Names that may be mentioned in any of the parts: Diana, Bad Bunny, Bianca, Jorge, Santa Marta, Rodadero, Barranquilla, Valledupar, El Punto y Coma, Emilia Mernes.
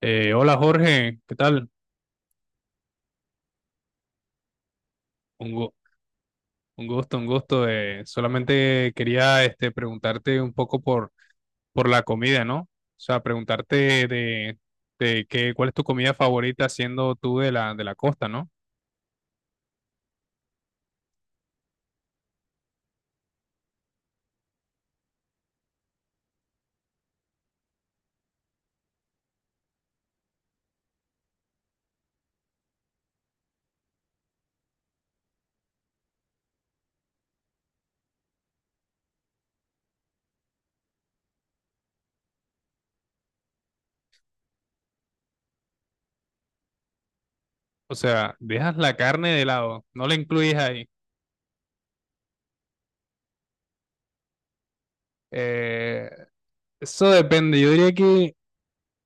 Hola Jorge, ¿qué tal? Un, gu- un gusto, un gusto. Solamente quería preguntarte un poco por la comida, ¿no? O sea, preguntarte de qué, cuál es tu comida favorita siendo tú de la costa, ¿no? O sea, dejas la carne de lado, no la incluyes ahí. Eh, Eso depende, yo diría que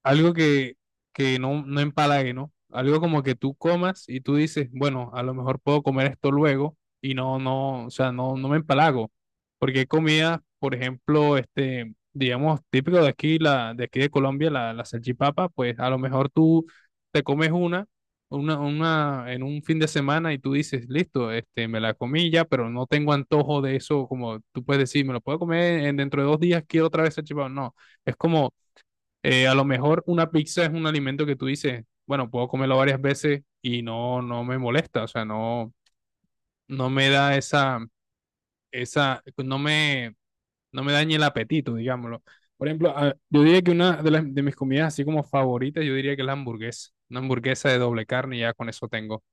algo que no, no empalague, ¿no? Algo como que tú comas y tú dices, bueno, a lo mejor puedo comer esto luego y no, no, o sea, no, no me empalago. Porque hay comidas, por ejemplo, digamos, típico de aquí, de aquí de Colombia, la salchipapa, pues a lo mejor tú te comes una en un fin de semana y tú dices, listo, me la comí ya, pero no tengo antojo de eso, como tú puedes decir, me lo puedo comer dentro de 2 días, quiero otra vez salchipapa. No, es como a lo mejor una pizza es un alimento que tú dices, bueno, puedo comerlo varias veces y no, no me molesta, o sea, no, no me da esa, no me, no me daña el apetito, digámoslo. Por ejemplo, yo diría que de mis comidas así como favoritas, yo diría que es la hamburguesa. Una hamburguesa de doble carne y ya con eso tengo.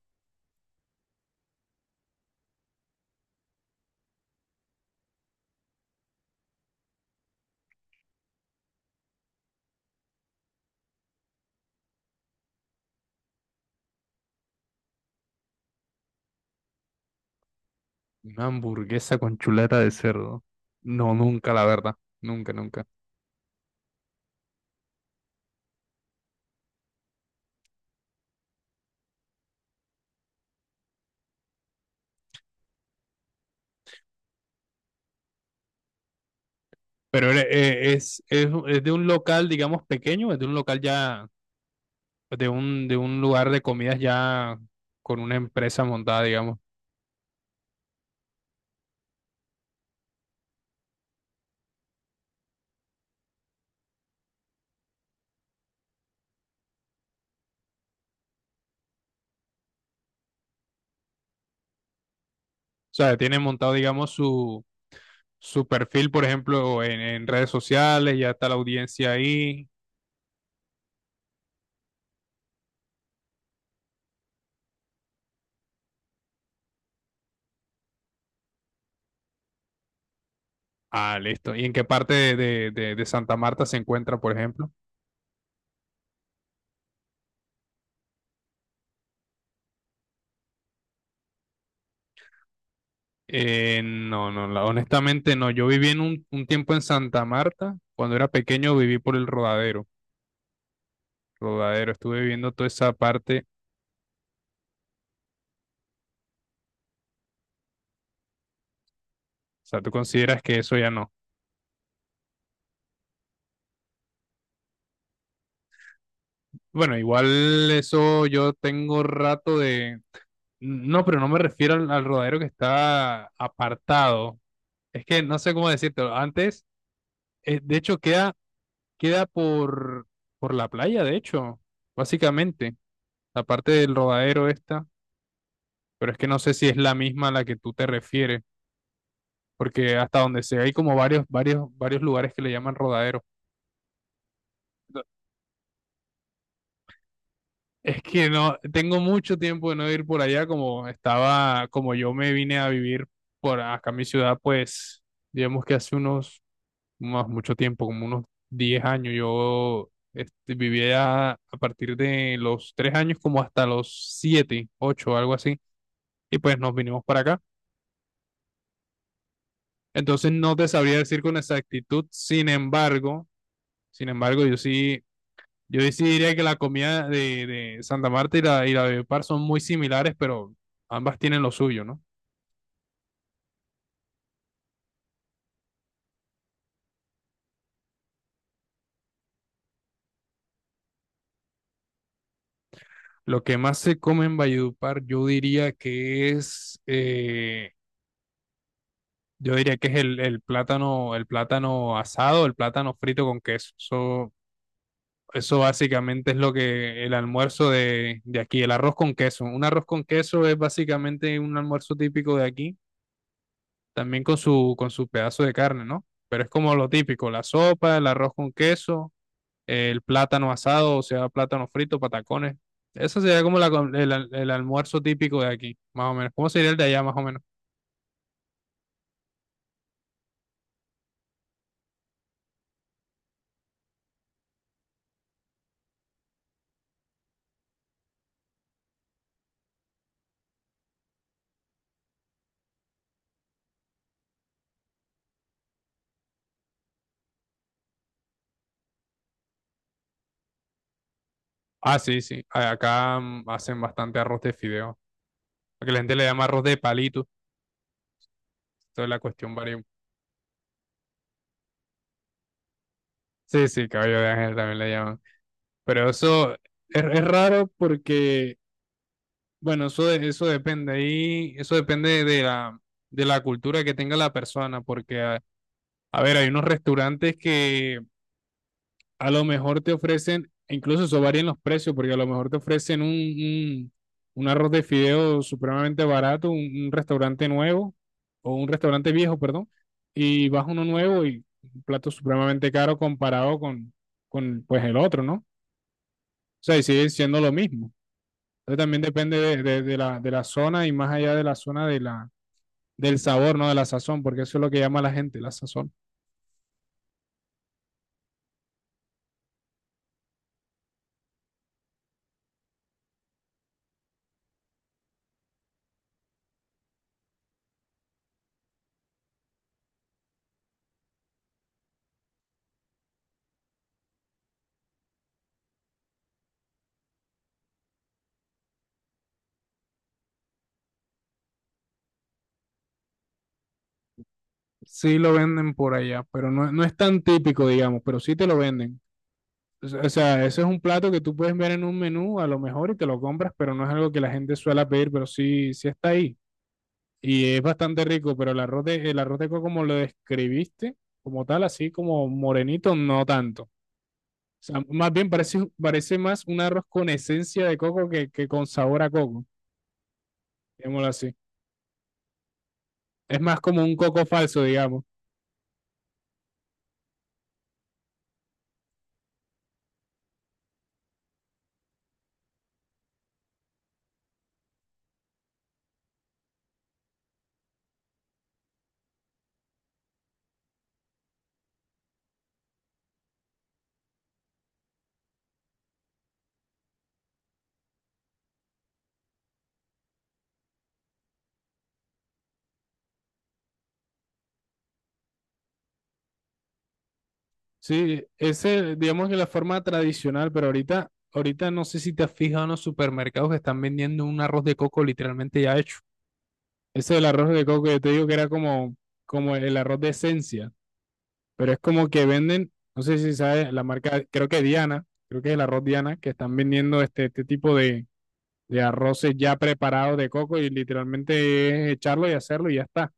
Una hamburguesa con chuleta de cerdo. No, nunca, la verdad. Nunca, nunca. Pero es de un local, digamos, pequeño, es de un local ya pues, de un lugar de comidas ya con una empresa montada, digamos. O sea, tiene montado, digamos, su perfil, por ejemplo, en redes sociales, ya está la audiencia ahí. Ah, listo. ¿Y en qué parte de Santa Marta se encuentra, por ejemplo? No, no, honestamente no. Yo viví en un tiempo en Santa Marta. Cuando era pequeño viví por el Rodadero. Rodadero, estuve viviendo toda esa parte. O sea, ¿tú consideras que eso ya no? Bueno, igual eso yo tengo rato de. No, pero no me refiero al rodadero que está apartado. Es que no sé cómo decírtelo. Antes, de hecho, queda por la playa, de hecho, básicamente. La parte del rodadero esta. Pero es que no sé si es la misma a la que tú te refieres. Porque hasta donde sé, hay como varios, varios, varios lugares que le llaman rodadero. No, es que no, tengo mucho tiempo de no ir por allá, como estaba, como yo me vine a vivir por acá a mi ciudad, pues, digamos que hace unos más mucho tiempo, como unos 10 años. Yo vivía a partir de los 3 años como hasta los 7 8 algo así, y pues nos vinimos para acá. Entonces no te sabría decir con exactitud, sin embargo, yo sí, yo sí diría que la comida de Santa Marta y y la de Valledupar son muy similares, pero ambas tienen lo suyo, ¿no? Lo que más se come en Valledupar, yo diría que yo diría que es el plátano, el plátano asado, el plátano frito con queso. Eso básicamente es lo que el almuerzo de aquí, el arroz con queso. Un arroz con queso es básicamente un almuerzo típico de aquí, también con su pedazo de carne, ¿no? Pero es como lo típico, la sopa, el arroz con queso, el plátano asado, o sea, plátano frito, patacones. Eso sería como la com- el, al- el almuerzo típico de aquí, más o menos. ¿Cómo sería el de allá, más o menos? Ah, sí, sí. Acá hacen bastante arroz de fideo. Porque la gente le llama arroz de palito. Toda la cuestión varía. Sí, sí, cabello de ángel también le llaman. Pero eso es raro porque, bueno, eso depende ahí, eso depende de la cultura que tenga la persona. Porque, a ver, hay unos restaurantes que a lo mejor te ofrecen, e incluso eso varía en los precios, porque a lo mejor te ofrecen un arroz de fideo supremamente barato, un restaurante nuevo, o un restaurante viejo, perdón, y vas a uno nuevo y un plato supremamente caro comparado con pues, el otro, ¿no? O sea, y sigue siendo lo mismo. Entonces también depende de la zona y más allá de la zona del sabor, ¿no? De la sazón, porque eso es lo que llama la gente, la sazón. Sí lo venden por allá, pero no, no es tan típico, digamos, pero sí te lo venden. O sea, eso es un plato que tú puedes ver en un menú a lo mejor y te lo compras, pero no es algo que la gente suele pedir, pero sí, sí está ahí. Y es bastante rico, pero el arroz de coco como lo describiste, como tal, así como morenito, no tanto. O sea, más bien parece, más un arroz con esencia de coco que con sabor a coco, digámoslo así. Es más como un coco falso, digamos. Sí, ese, digamos que la forma tradicional, pero ahorita no sé si te has fijado en los supermercados que están vendiendo un arroz de coco literalmente ya hecho. Ese del arroz de coco que te digo que era como el arroz de esencia, pero es como que venden, no sé si sabes, la marca, creo que Diana, creo que es el arroz Diana, que están vendiendo este tipo de arroces ya preparados de coco y literalmente es echarlo y hacerlo y ya está.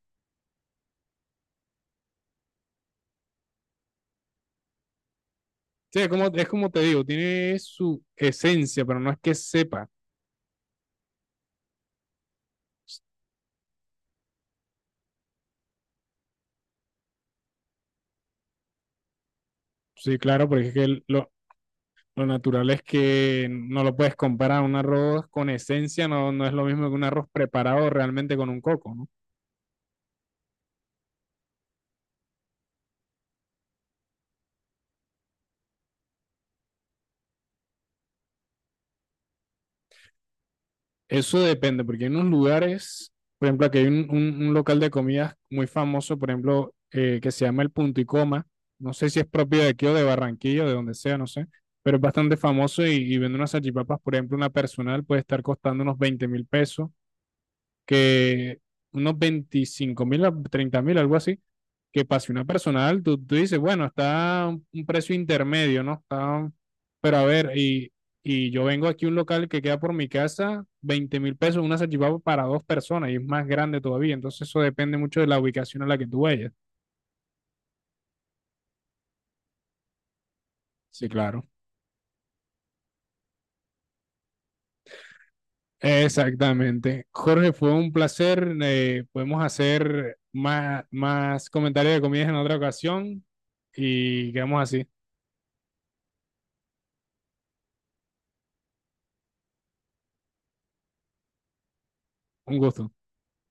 Sí, es como te digo, tiene su esencia, pero no es que sepa. Sí, claro, porque es que lo natural es que no lo puedes comparar. Un arroz con esencia no, no es lo mismo que un arroz preparado realmente con un coco, ¿no? Eso depende, porque hay unos lugares, por ejemplo, aquí hay un local de comidas muy famoso, por ejemplo, que se llama El Punto y Coma. No sé si es propio de aquí o de Barranquilla o de donde sea, no sé, pero es bastante famoso y vende unas salchipapas, por ejemplo, una personal puede estar costando unos 20,000 pesos que unos 25,000 a 30,000, algo así, que pase una personal, tú dices, bueno, está un precio intermedio, ¿no? Está, pero a ver, y yo vengo aquí a un local que queda por mi casa, 20,000 pesos, una salchipapa para dos personas y es más grande todavía, entonces eso depende mucho de la ubicación a la que tú vayas. Sí, claro. Exactamente. Jorge, fue un placer. Podemos hacer más comentarios de comidas en otra ocasión y quedamos así. Un gusto.